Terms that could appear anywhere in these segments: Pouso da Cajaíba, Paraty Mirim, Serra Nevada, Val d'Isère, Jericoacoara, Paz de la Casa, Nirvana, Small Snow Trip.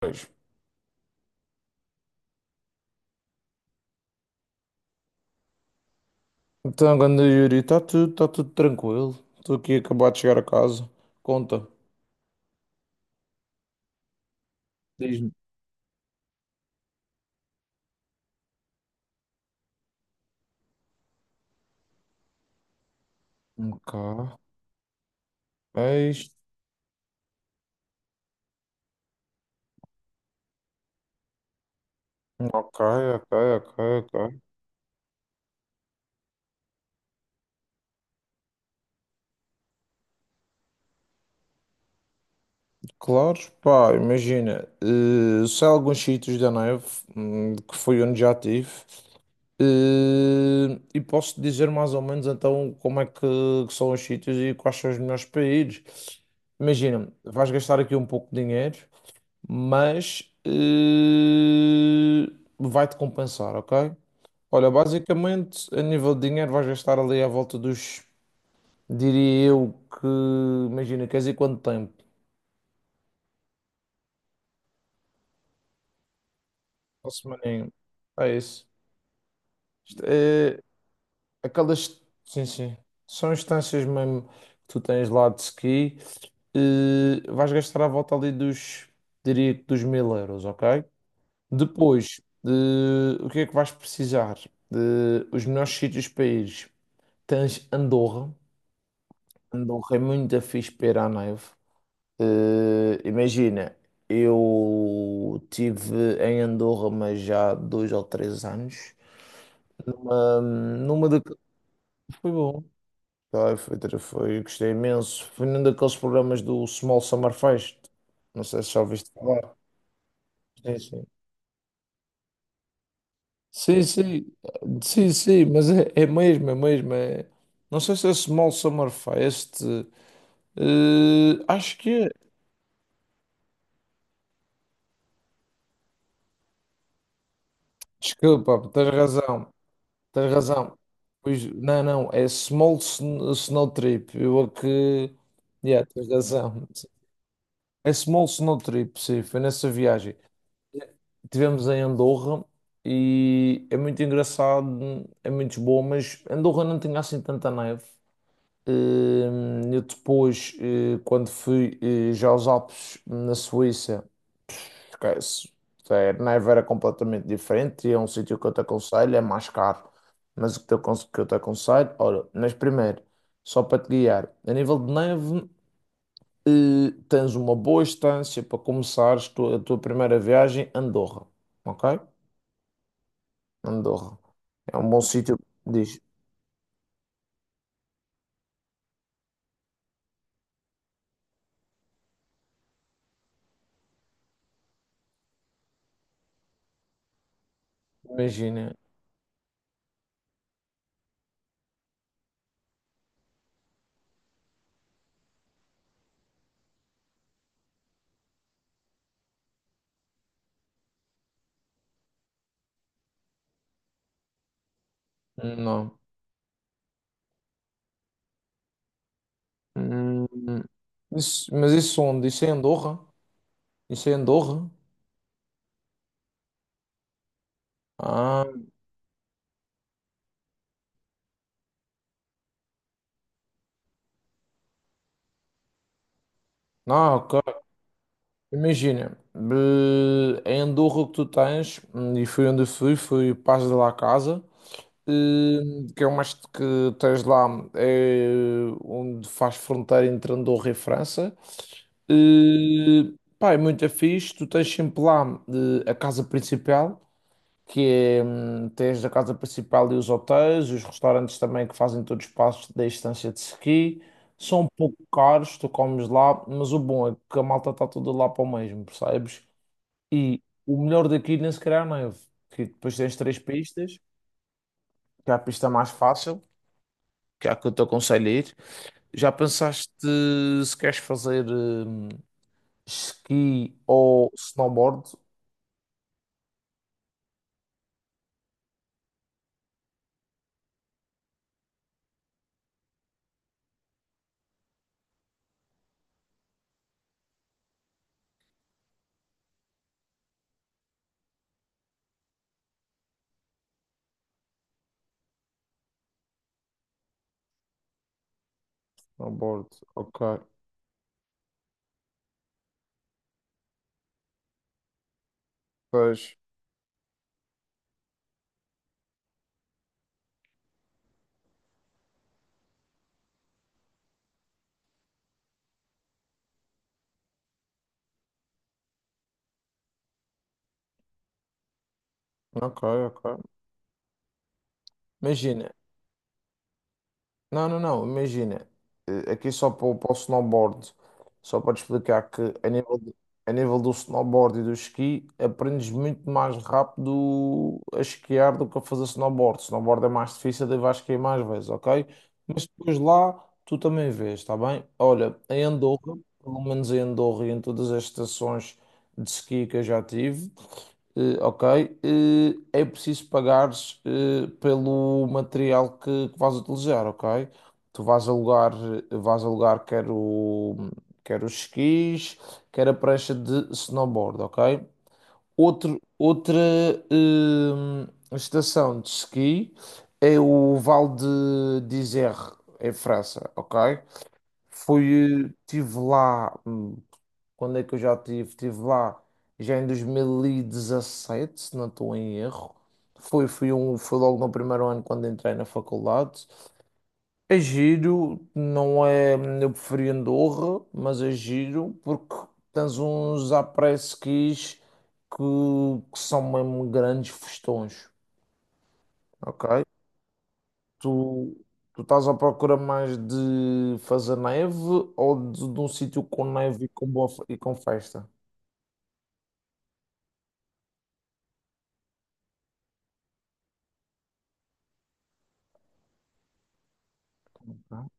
Pois. Então, ganda Yuri, está tudo, tá tudo tranquilo. Estou aqui a acabar de chegar a casa. Conta. Diz-me. Ok. É isto. Ok, ok, ok, ok. Claro, pá, imagina. Sei alguns sítios da neve, que foi onde já estive. E posso dizer mais ou menos então que são os sítios e quais são os melhores para ir. Imagina, vais gastar aqui um pouco de dinheiro, mas vai-te compensar, ok? Olha, basicamente, a nível de dinheiro, vais gastar ali à volta dos, diria eu, que, imagina, queres ir quanto tempo? Uma semaninha. É isso. Isto é, aquelas, sim, sim, são instâncias mesmo que tu tens lá de ski, vais gastar à volta ali dos, diria que dos 1000 euros, ok? Depois, o que é que vais precisar? De, os melhores sítios para ir. Tens Andorra. Andorra é muito fixe para ir à neve. Imagina, eu tive em Andorra, mas já há dois ou três anos. Numa da... Foi bom. Tá, foi, foi, gostei imenso. Foi num daqueles programas do Small Summer Fest. Não sei se já ouviste falar. Sim, sim. Sim, sim, sim, sim, mas é, é mesmo, é mesmo. Não sei se é Small Summer Fest. Acho que é. Desculpa, pá, tens razão, tens razão. Pois, não, não, é Snow Trip. Eu a que. Yeah, tens razão. É Small Snow Trip, sim, foi nessa viagem. Estivemos em Andorra e é muito engraçado, é muito bom, mas Andorra não tinha assim tanta neve. Eu depois, quando fui já aos Alpes na Suíça. Porque se- se- Neve era completamente diferente e é um sítio que eu te aconselho, é mais caro. Mas o que te que eu te aconselho, olha, mas primeiro, só para te guiar, a nível de neve, tens uma boa estância para a tua primeira viagem, Andorra, ok? Andorra. É um bom sítio, diz. Imagina, não. Hum, mas isso onde? Isso é Andorra? Isso é Andorra? Ah, não, ok. Imagina, em Andorra o que tu tens, e fui onde fui, fui Paz de la Casa, eh, que é uma que tens lá, é onde faz fronteira entre Andorra e França. Eh, Pá, é muito fixe, tu tens sempre lá a casa principal, que é, tens a casa principal e os hotéis, os restaurantes também que fazem todos os passos da estância de ski. São um pouco caros, tu comes lá, mas o bom é que a malta está toda lá para o mesmo, percebes? E o melhor daqui, nem se calhar, não é? Que depois tens três pistas, que é a pista mais fácil, que é a que eu te aconselho a ir. Já pensaste se queres fazer esqui ou snowboard? Snowboard, ok. Pois, ok, ok. Imagina. Não, não, não, imagina, aqui só para, o para o snowboard, só para te explicar que a nível, a nível do snowboard e do esqui, aprendes muito mais rápido a esquiar do que a fazer snowboard. Snowboard é mais difícil, daí vais esquiar mais vezes, ok? Mas depois lá, tu também vês, está bem? Olha, em Andorra, pelo menos em Andorra e em todas as estações de esqui que eu já tive, ok. Eh, É preciso pagares pelo material que vais utilizar, ok? Tu vais alugar quer os esquis, quer a prancha de snowboard, ok? Outro, outra estação de esqui é o Val de d'Isère, em França, ok? Fui, tive lá quando é que eu já estive? Estive lá já em 2017, se não estou em erro. Foi, foi um, foi logo no primeiro ano quando entrei na faculdade. É giro, não é. Eu preferi Andorra, mas é giro porque tens uns après-skis que, que são mesmo grandes festões, ok? Tu, tu estás à procura mais de fazer neve ou de um sítio com neve e com, e com festa? Não,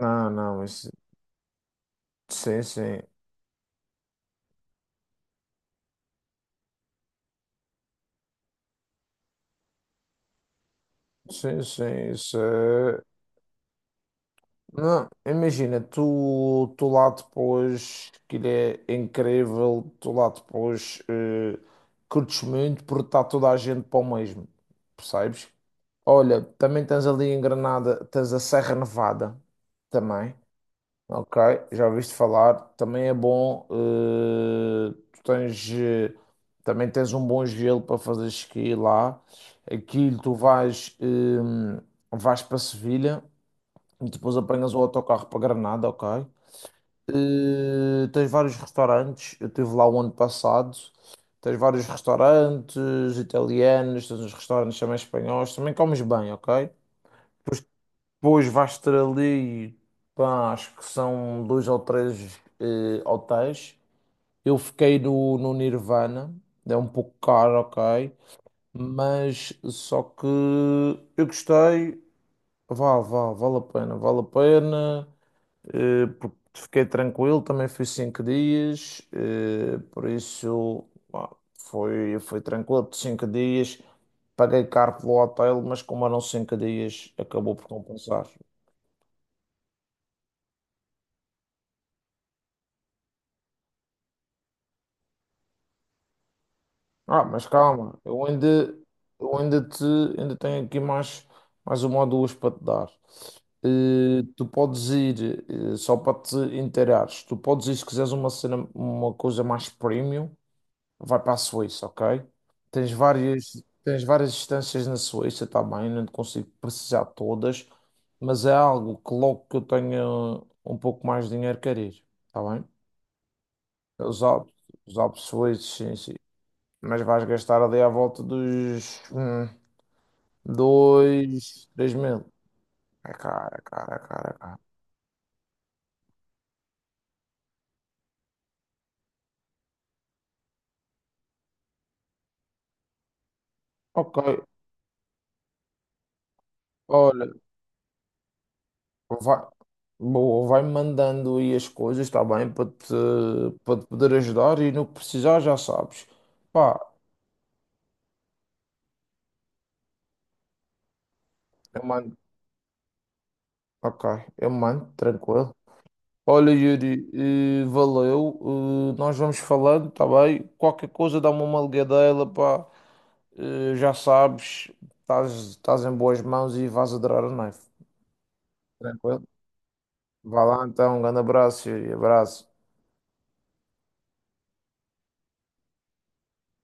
não, não, isso. Sim, sim, sim, sim, isso é... Não, imagina, tu lá depois, que ele é incrível, tu lá depois curtes muito porque está toda a gente para o mesmo, percebes? Olha, também tens ali em Granada, tens a Serra Nevada, também. Ok, já ouviste falar. Também é bom. Tu tens, também tens um bom gelo para fazer esqui lá. Aquilo tu vais, vais para Sevilha e depois apanhas o autocarro para Granada, ok? Tens vários restaurantes. Eu estive lá o ano passado. Tens vários restaurantes italianos, tens uns restaurantes também espanhóis. Também comes bem, ok? Depois vais ter ali, pá, acho que são dois ou três hotéis. Eu fiquei no Nirvana, é um pouco caro, ok, mas só que eu gostei, vale, vale, vale a pena, porque fiquei tranquilo, também fui 5 dias, por isso pá, foi, foi tranquilo, por 5 dias, paguei caro pelo hotel, mas como eram 5 dias, acabou por compensar. Ah, mas calma, eu ainda te, ainda tenho aqui mais, mais uma ou duas para te dar. Tu podes ir, só para te inteirares, tu podes ir se quiseres uma cena, uma coisa mais premium, vai para a Suíça, ok? Tens várias instâncias na Suíça também, não te consigo precisar de todas, mas é algo que logo que eu tenha um pouco mais de dinheiro quero ir, está bem? Os Alpes, os Alpes suíços, sim, sim. Mas vais gastar ali à volta dos dois, três mil. É caro, é caro, é caro, é caro. Ok, olha, vai, boa, vai mandando aí as coisas, está bem, para te poder ajudar e no que precisar já sabes. Pá, eu mando, ok, eu mando, tranquilo. Olha, Yuri, valeu. Nós vamos falando, tá bem? Qualquer coisa dá-me uma ligadela, pá. Já sabes, estás, estás em boas mãos e vais adorar a Knife. Tranquilo? Vá lá então, um grande abraço, Yuri. Abraço.